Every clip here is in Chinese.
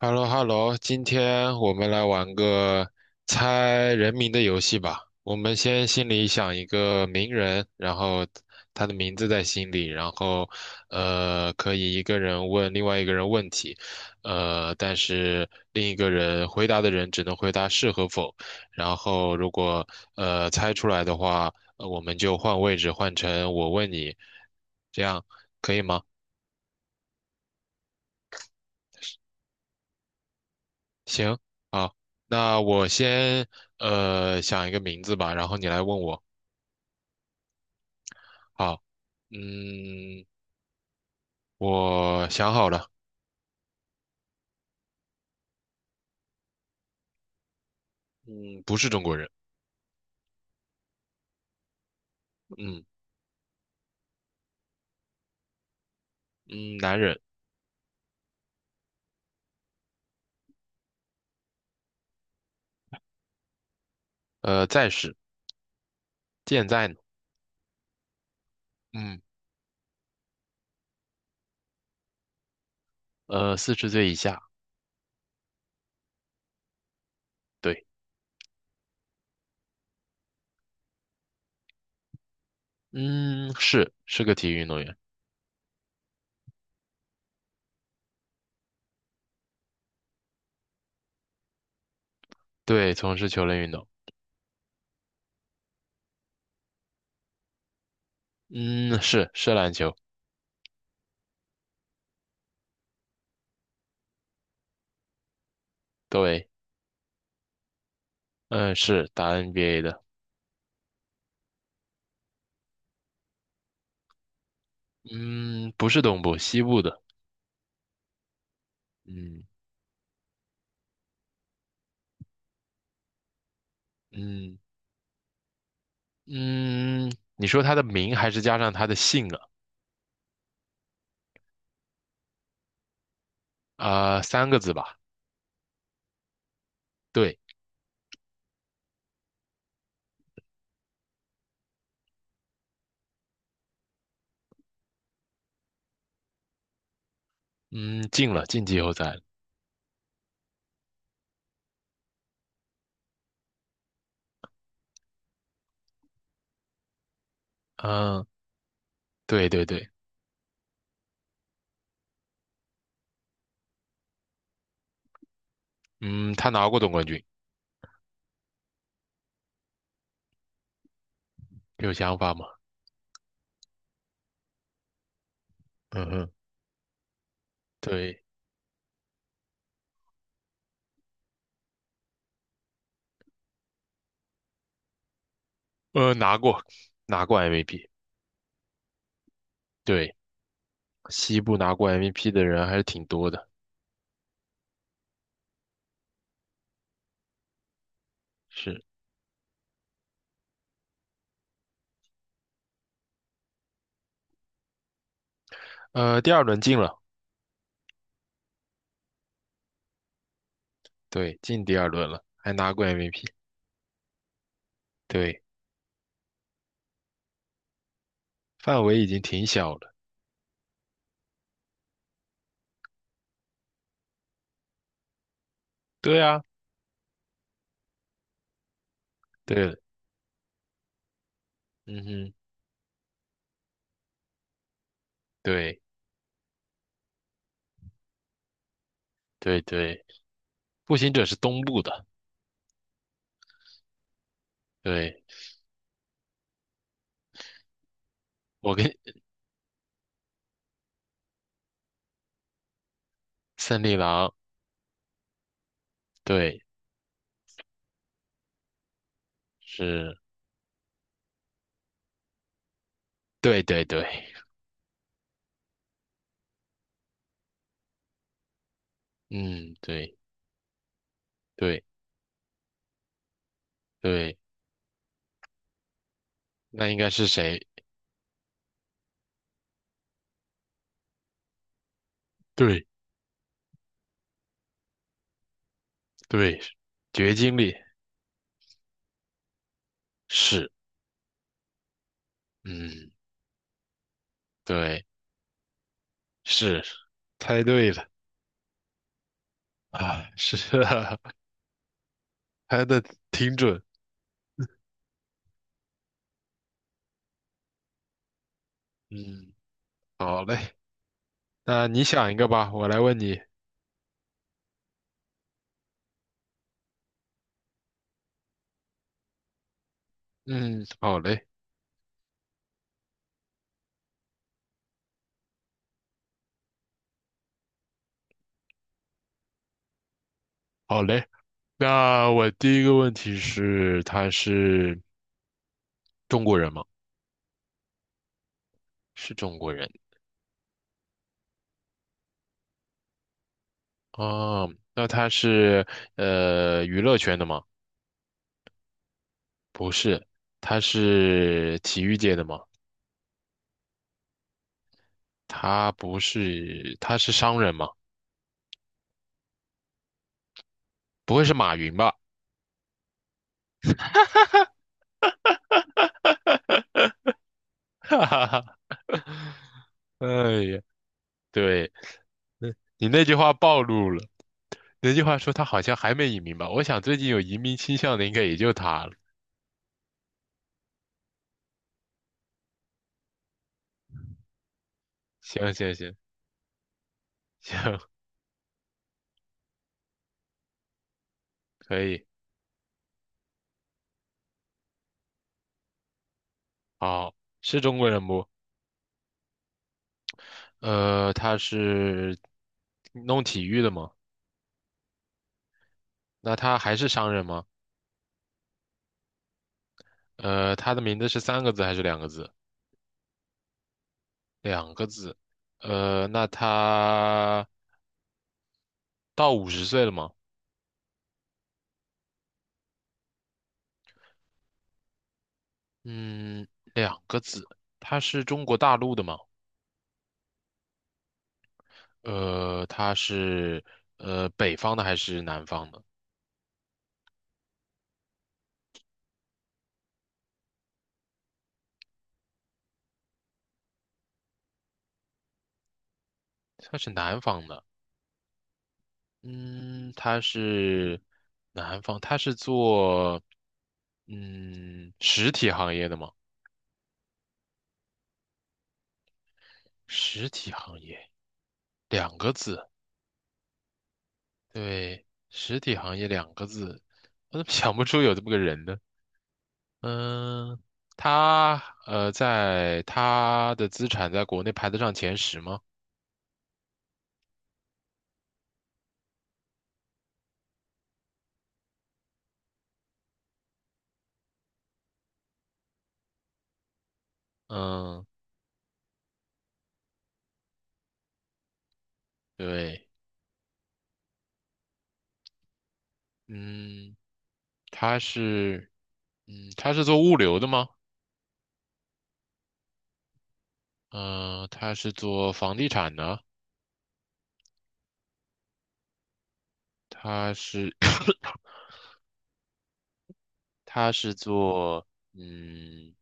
h e l l o h e l l o 今天我们来玩个猜人名的游戏吧。我们先心里想一个名人，然后他的名字在心里，然后可以一个人问另外一个人问题，但是另一个人回答的人只能回答是和否。然后如果猜出来的话，我们就换位置，换成我问你，这样可以吗？行，好，那我先想一个名字吧，然后你来问我。好，嗯，我想好了，嗯，不是中国人，嗯嗯，男人，呃，在世，健在呢，嗯，呃，四十岁以下，对，嗯，是个体育运动员，对，从事球类运动，嗯，是篮球，对，嗯，是打 NBA 的，嗯，不是东部，西部的，嗯嗯。嗯，你说他的名还是加上他的姓啊？啊、三个字吧。对，嗯，进了，进季后赛了。嗯，对对对，嗯，他拿过总冠军，有想法吗？嗯哼，对，呃，拿过，拿过 MVP。对，西部拿过 MVP 的人还是挺多的。是，呃，第二轮进了，对，进第二轮了，还拿过 MVP。对，范围已经挺小了。对啊，对，嗯哼，对对对，步行者是东部的。对，我跟森利狼，对，是，对对对，嗯，对对对，那应该是谁？对对，绝经里是，嗯，对，是，猜对了啊，是啊，猜的挺准，嗯，好嘞，那你想一个吧，我来问你，嗯，好嘞，好嘞，那我第一个问题是，他是中国人吗？是中国人。哦，那他是娱乐圈的吗？不是，他是体育界的吗？他不是，他是商人吗？不会是马云吧？哈哈哈，哎呀，对，嗯你那句话暴露了，那句话说他好像还没移民吧？我想最近有移民倾向的应该也就他了。行行行行，可以，好，是中国人不？呃，他是弄体育的吗？那他还是商人吗？呃，他的名字是三个字还是两个字？两个字。呃，那他到五十岁了吗？嗯，两个字。他是中国大陆的吗？呃，他是北方的还是南方的？他是南方的。嗯，他是南方，他是做实体行业的吗？实体行业两个字，对，实体行业两个字，我怎么 想不出有这么个人呢？嗯，他在他的资产在国内排得上前十吗？嗯，对，嗯，他是，嗯，他是做物流的吗？嗯，他是做房地产的，他是，他是做，嗯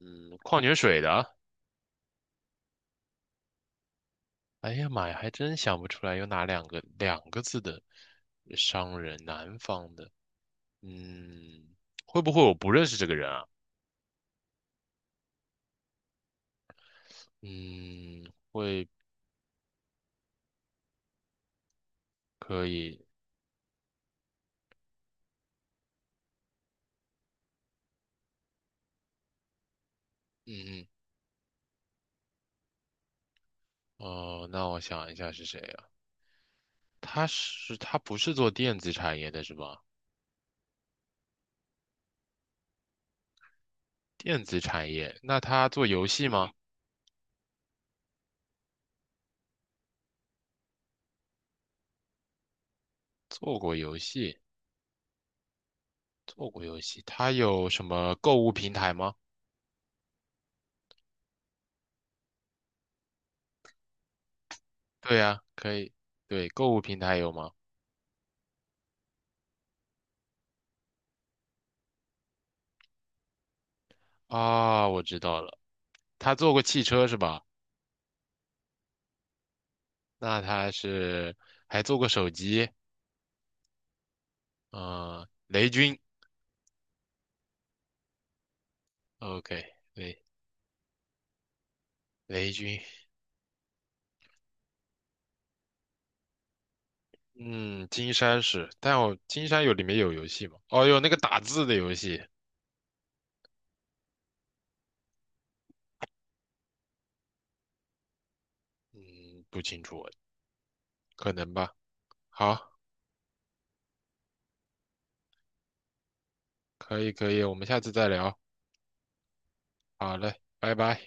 嗯，矿泉水的。哎呀妈呀，还真想不出来有哪两个字的商人，南方的。嗯，会不会我不认识这个人啊？嗯。会。可以，嗯嗯，哦，那我想一下是谁啊？他不是做电子产业的是吧？电子产业，那他做游戏吗？做过游戏，做过游戏。他有什么购物平台吗？对呀，可以，对，购物平台有吗？啊，我知道了，他做过汽车是吧？那他是还做过手机，嗯、雷军，OK，雷军，嗯，金山是，但金山里面有游戏吗？哦，有那个打字的游戏。嗯，不清楚，可能吧。好，可以可以，我们下次再聊。好嘞，拜拜。